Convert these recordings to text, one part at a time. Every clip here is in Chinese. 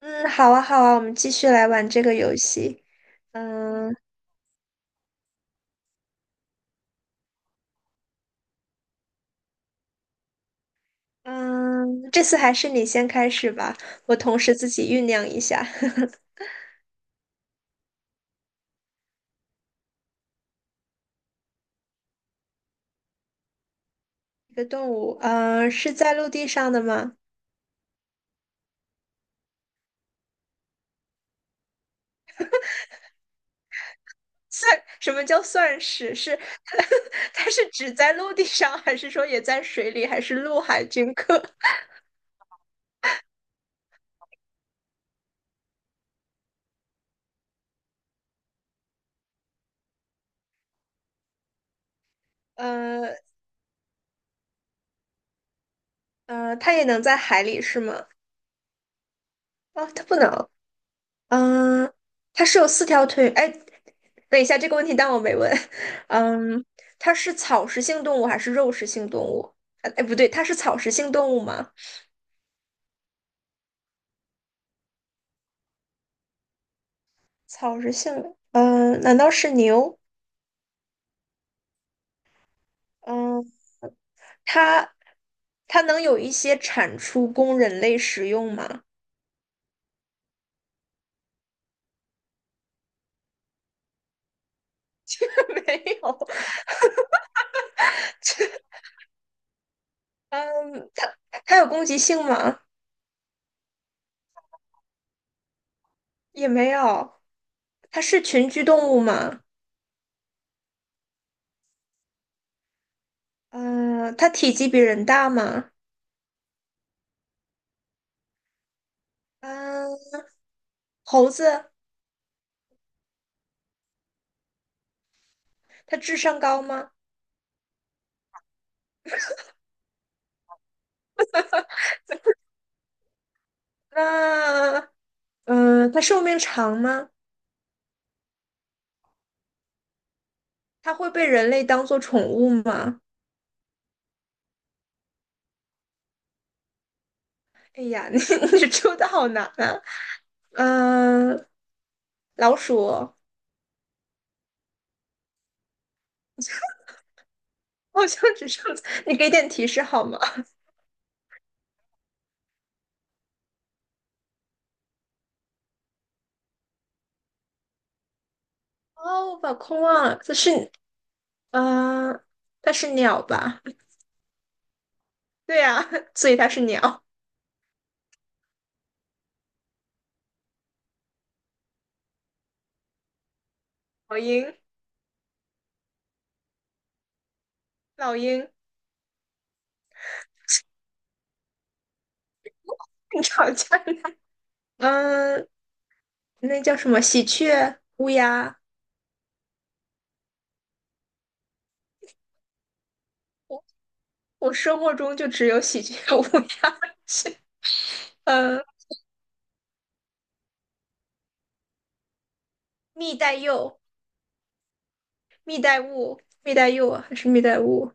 嗯，好啊，好啊，我们继续来玩这个游戏。嗯嗯，这次还是你先开始吧，我同时自己酝酿一下。一个动物，嗯，是在陆地上的吗？算，什么叫算是？是 它是只在陆地上，还是说也在水里，还是陆海均可？呃，它也能在海里是吗？哦，它不能。嗯，它是有四条腿。哎，等一下，这个问题当我没问。嗯，它是草食性动物还是肉食性动物？不对，它是草食性动物吗？草食性，嗯，难道是牛？嗯，它它能有一些产出供人类食用吗？没有。嗯，它有攻击性吗？也没有。它是群居动物吗？嗯，它体积比人大吗？嗯，猴子。它智商高吗？那它寿命长吗？它会被人类当做宠物吗？哎呀，你出的好难啊！嗯、呃老鼠好像只剩，你给点提示好吗？哦，我把空忘了，这是嗯、呃它是鸟吧？对呀、啊所以它是鸟。老鹰，老鹰，你吵架。嗯，那叫什么？喜鹊、乌鸦。我生活中就只有喜鹊、乌鸦。嗯，蜜袋鼬、蜜袋鼯、蜜袋鼬还是蜜袋鼯？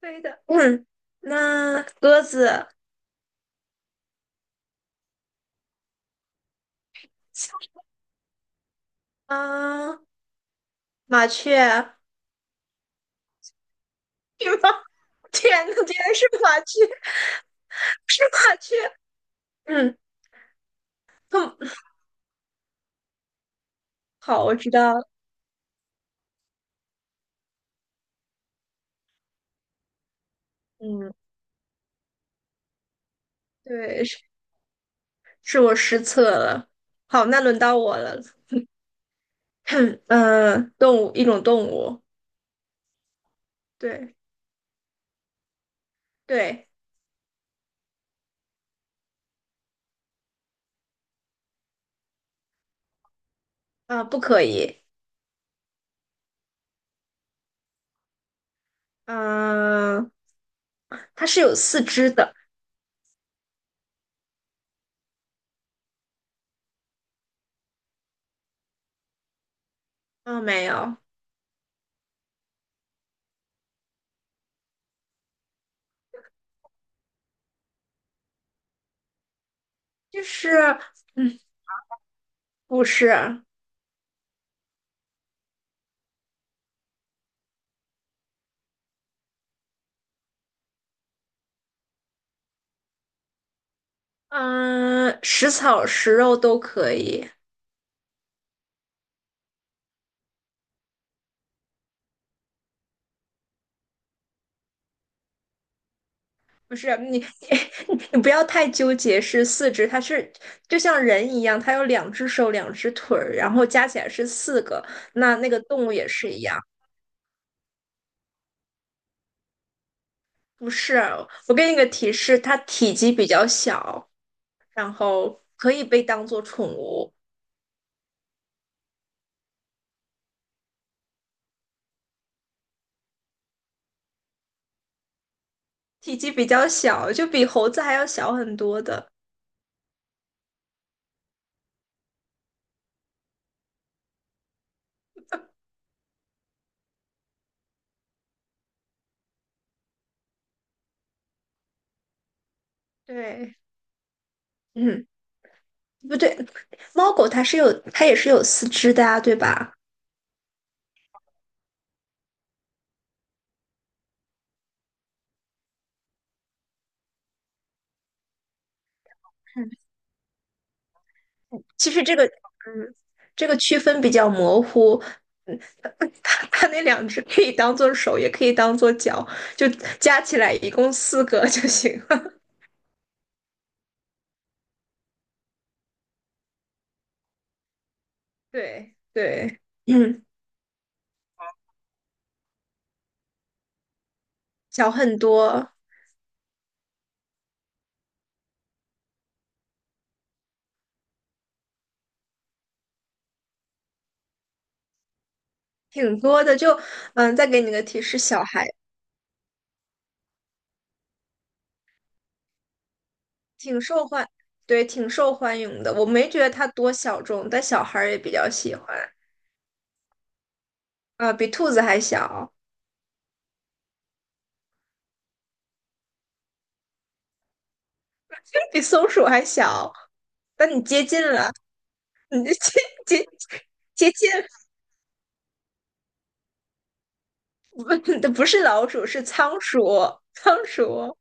对的。嗯，那鸽子，啊，麻雀，对吗天呐，竟然是麻雀，是麻雀。嗯，哼好，我知道了。嗯，对，是是我失策了。好，那轮到我了。动物，一种动物。对对，不可以。嗯、它是有四肢的。嗯、没有，就是，嗯，不是，嗯，食草食肉都可以。不是你，你不要太纠结是四肢，它是就像人一样，它有两只手、两只腿儿，然后加起来是四个。那那个动物也是一样。不是，我给你个提示，它体积比较小，然后可以被当做宠物。体积比较小，就比猴子还要小很多的。对，嗯，不对，猫狗它是有，它也是有四肢的啊，对吧？其实这个，嗯，这个区分比较模糊。嗯，它那两只可以当做手，也可以当做脚，就加起来一共四个就行了。对对，嗯，小很多，挺多的。就嗯，再给你个提示，小孩挺受欢，对，挺受欢迎的。我没觉得它多小众，但小孩儿也比较喜欢。比兔子还小，比松鼠还小，但你接近了，你接接接近 不是老鼠，是仓鼠，仓鼠，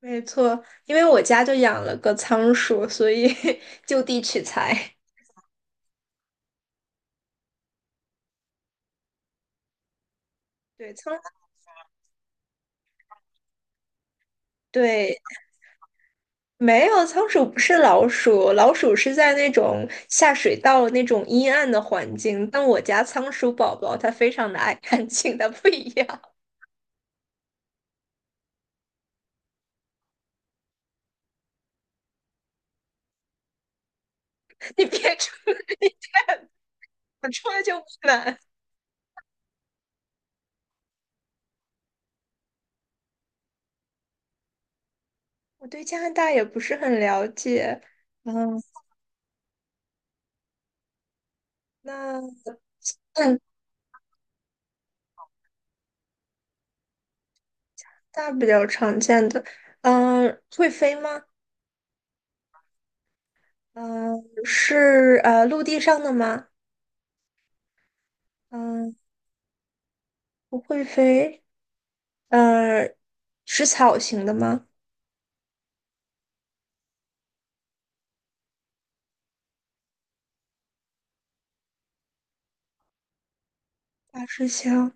没错。因为我家就养了个仓鼠，所以 就地取材。对，仓，对，没有，仓鼠不是老鼠，老鼠是在那种下水道那种阴暗的环境，但我家仓鼠宝宝它非常的爱干净，它不一样。你别出，你别不出来就不难。我对加拿大也不是很了解，嗯，那 大比较常见的，嗯、会飞吗？嗯、是陆地上的吗？嗯、不会飞，呃，食草型的吗？大吃香。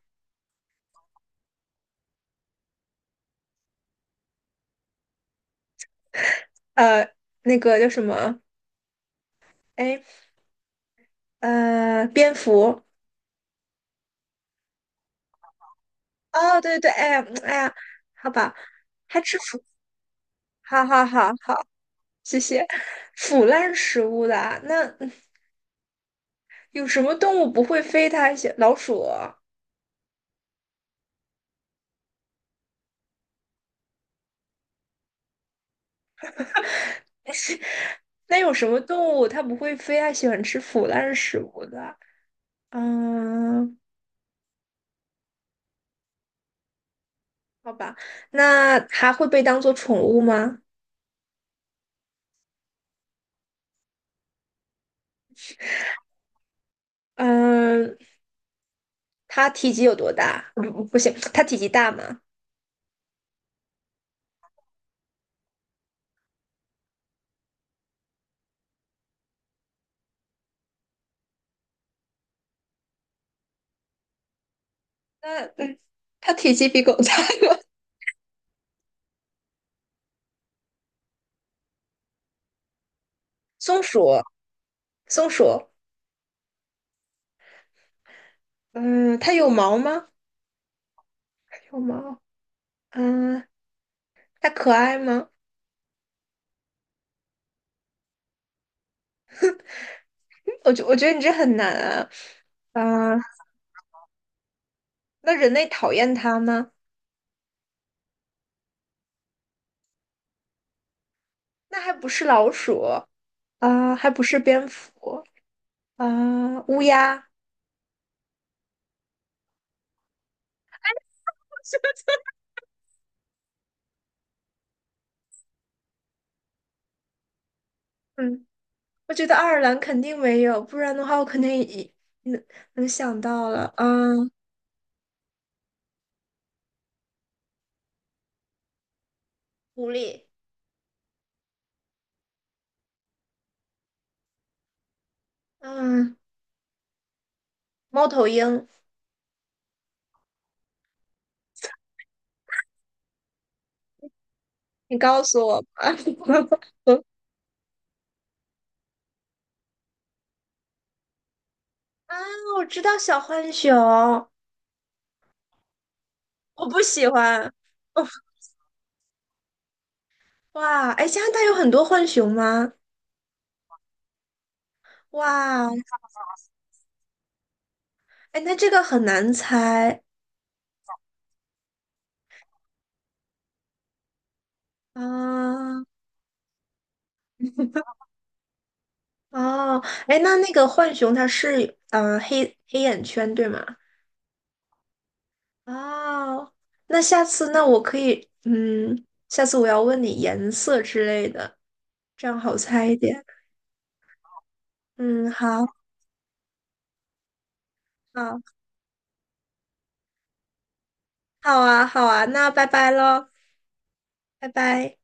呃，那个叫什么？哎，呃，蝙蝠。哦，对对，哎呀，哎呀，好吧，还吃腐，好好好好，谢谢。腐烂食物的啊，那嗯有什么动物不会飞它？老鼠。那有什么动物它不会飞？它喜欢吃腐烂的食物的？嗯，好吧。那它会被当做宠物吗？嗯，它体积有多大？不，不行，它体积大吗？那它体积比狗大吗？松鼠，松鼠，嗯，它有毛吗？有毛。嗯，它可爱吗？嗯我觉我觉得你这很难啊。嗯，那人类讨厌它吗？那还不是老鼠啊，还不是蝙蝠。啊，乌鸦，嗯，我觉得爱尔兰肯定没有，不然的话我肯定已能能想到了，嗯，狐狸，嗯，猫头鹰，你告诉我吧。啊，我知道小浣熊，我不喜欢。哦哇，哎，加拿大有很多浣熊吗？哇，哎，那这个很难猜啊。哦，哎，那那个浣熊它是黑黑眼圈对吗？哦，那下次那我可以，嗯，下次我要问你颜色之类的，这样好猜一点。嗯，好，好，好啊，好啊，那拜拜喽，拜拜。